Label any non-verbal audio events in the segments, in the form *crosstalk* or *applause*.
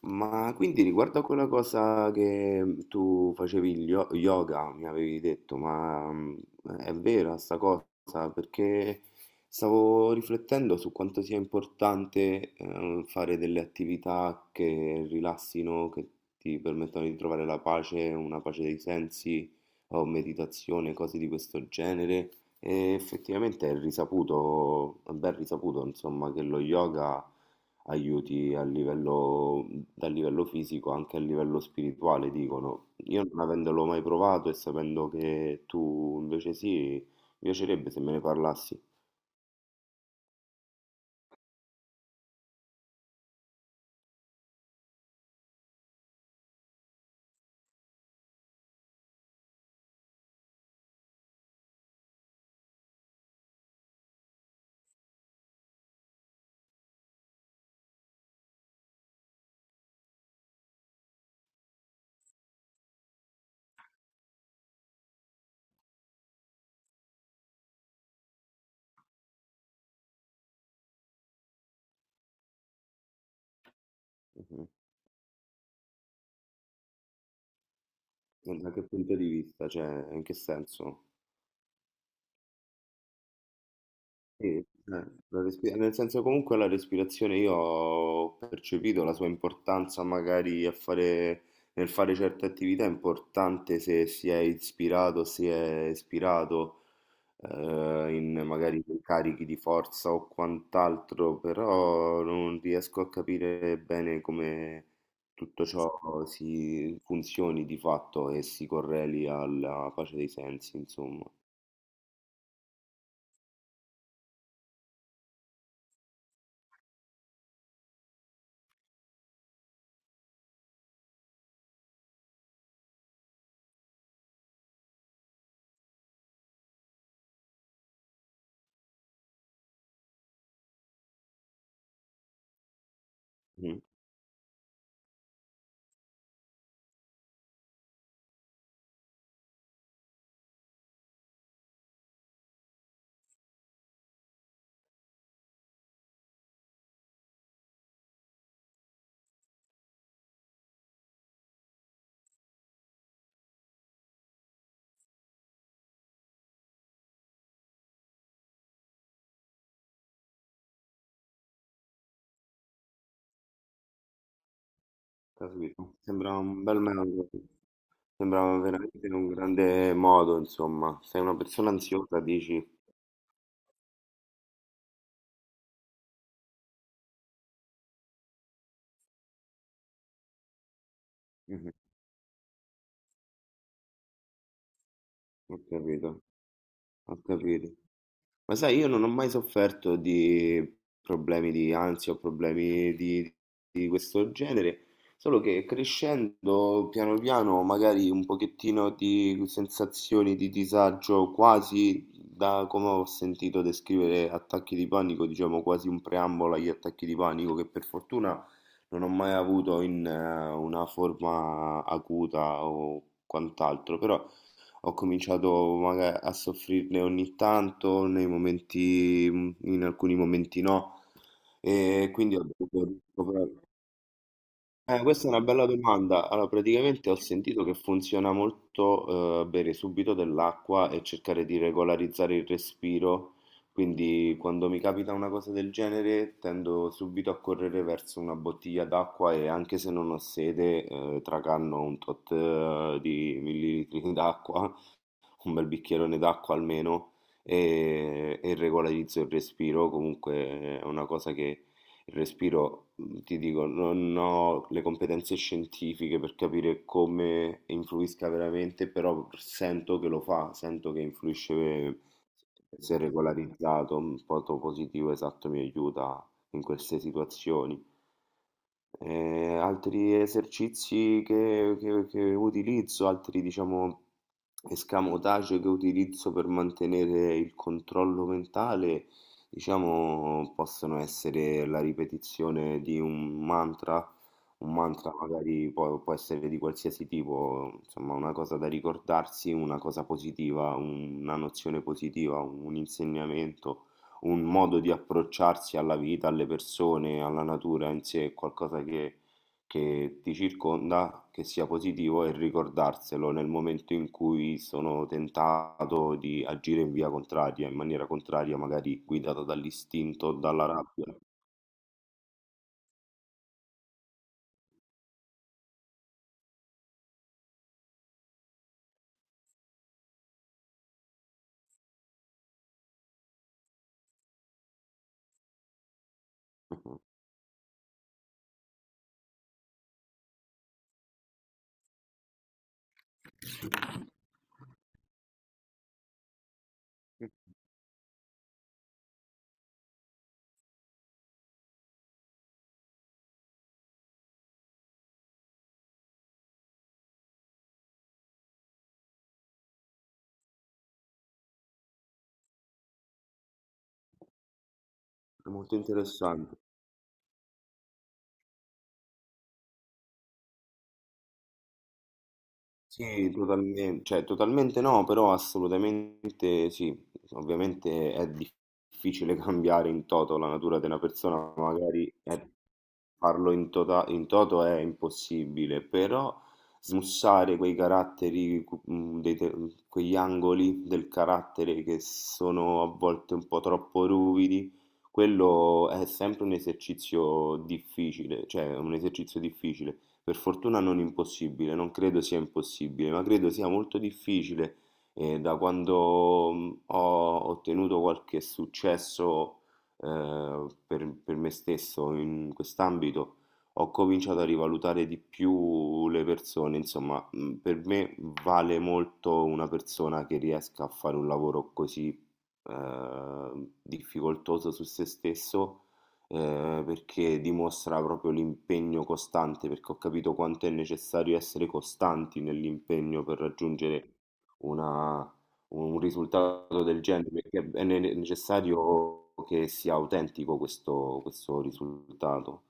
Ma quindi riguardo a quella cosa che tu facevi il yoga, mi avevi detto, è vera sta cosa? Perché stavo riflettendo su quanto sia importante fare delle attività che rilassino, che ti permettano di trovare la pace, una pace dei sensi, o meditazione, cose di questo genere. E effettivamente è risaputo, è ben risaputo, insomma, che lo yoga aiuti a livello, dal livello fisico anche a livello spirituale, dicono. Io non avendolo mai provato e sapendo che tu invece sì, mi piacerebbe se me ne parlassi. Mhm. Da che punto di vista? Cioè, in che senso? Sì, nel senso comunque la respirazione io ho percepito la sua importanza magari a fare, nel fare certe attività, è importante se si è ispirato, in magari carichi di forza o quant'altro, però non riesco a capire bene come tutto ciò si funzioni di fatto e si correli alla pace dei sensi, insomma. Mm, capito. Sembra un bel metodo. Sembrava veramente un grande modo, insomma. Sei una persona ansiosa, dici? Mhm. Ho capito, ho capito. Ma sai, io non ho mai sofferto di problemi di ansia o problemi di questo genere, solo che crescendo piano piano magari un pochettino di sensazioni di disagio, quasi da come ho sentito descrivere attacchi di panico, diciamo quasi un preambolo agli attacchi di panico, che per fortuna non ho mai avuto in una forma acuta o quant'altro, però ho cominciato maga a soffrirne ogni tanto, nei momenti in alcuni momenti no, e quindi ho dovuto ricoprire questa è una bella domanda. Allora, praticamente ho sentito che funziona molto, bere subito dell'acqua e cercare di regolarizzare il respiro, quindi quando mi capita una cosa del genere tendo subito a correre verso una bottiglia d'acqua e anche se non ho sede, tracanno un tot di millilitri *laughs* d'acqua, un bel bicchierone d'acqua almeno, e regolarizzo il respiro. Comunque è una cosa che il respiro, ti dico, non ho le competenze scientifiche per capire come influisca veramente, però sento che lo fa, sento che influisce se regolarizzato, un po' positivo, esatto, mi aiuta in queste situazioni. Altri esercizi che utilizzo, altri diciamo escamotage che utilizzo per mantenere il controllo mentale, diciamo possono essere la ripetizione di un mantra magari può essere di qualsiasi tipo, insomma una cosa da ricordarsi, una cosa positiva, una nozione positiva, un insegnamento, un modo di approcciarsi alla vita, alle persone, alla natura in sé, è qualcosa che ti circonda, che sia positivo, e ricordarselo nel momento in cui sono tentato di agire in via contraria, in maniera contraria, magari guidato dall'istinto o dalla rabbia. È molto interessante. Sì, totalmente, cioè totalmente no, però assolutamente sì. Ovviamente è difficile *laughs* cambiare in toto la natura di una persona, magari farlo in toto è impossibile, però smussare quei caratteri, quegli angoli del carattere che sono a volte un po' troppo ruvidi, quello è sempre un esercizio difficile, cioè un esercizio difficile. Per fortuna non impossibile, non credo sia impossibile, ma credo sia molto difficile e da quando ho ottenuto qualche successo per me stesso in quest'ambito, ho cominciato a rivalutare di più le persone. Insomma, per me vale molto una persona che riesca a fare un lavoro così difficoltoso su se stesso, perché dimostra proprio l'impegno costante, perché ho capito quanto è necessario essere costanti nell'impegno per raggiungere una- un risultato del genere, perché è necessario che sia autentico questo, questo risultato.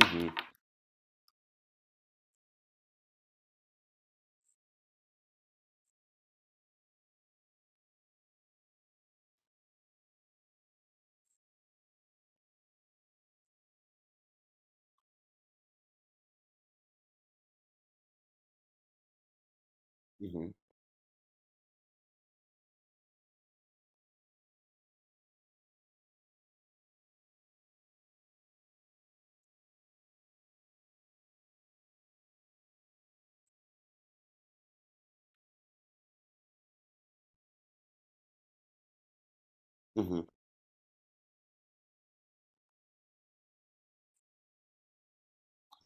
Mhm, mhm, mhm.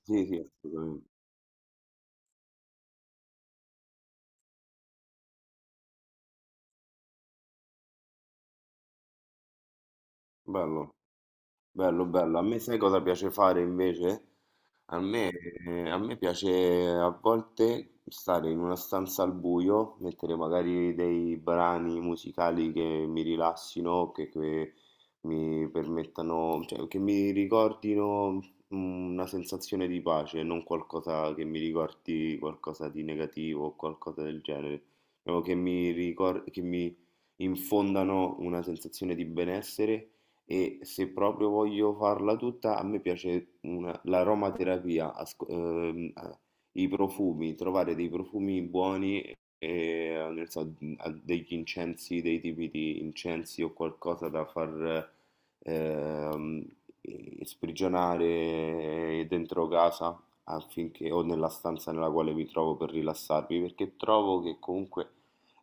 Sì, sì, assolutamente. Bello, bello, bello. A me sai cosa piace fare invece? A me, a me piace a volte stare in una stanza al buio, mettere magari dei brani musicali che mi rilassino, che mi permettano, cioè che mi ricordino una sensazione di pace, non qualcosa che mi ricordi qualcosa di negativo o qualcosa del genere, o che mi infondano una sensazione di benessere, e se proprio voglio farla tutta, a me piace l'aromaterapia, i profumi, trovare dei profumi buoni, e, nel senso, degli incensi, dei tipi di incensi o qualcosa da far ehm, sprigionare dentro casa affinché, o nella stanza nella quale mi trovo per rilassarmi, perché trovo che comunque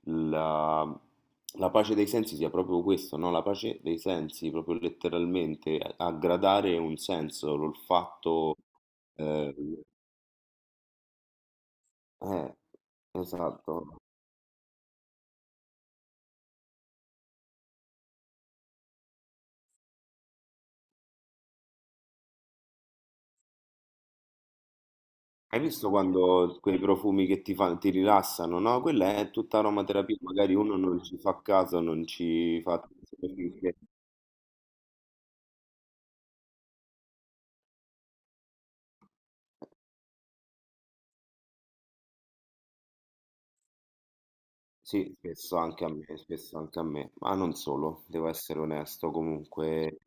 la, la pace dei sensi sia proprio questo, no? La pace dei sensi, proprio letteralmente, a gradare un senso, l'olfatto. Eh, eh, esatto. Hai visto quando quei profumi che ti fanno, ti rilassano, no? Quella è tutta aromaterapia, magari uno non ci fa caso, non ci fa attenzione, perché sì, spesso anche a me, spesso anche a me, ma non solo, devo essere onesto comunque.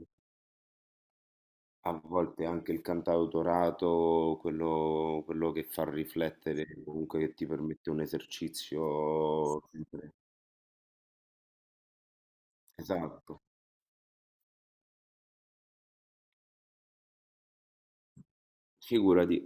A volte anche il cantautorato, quello che fa riflettere, comunque che ti permette un esercizio sempre. Esatto. Figurati,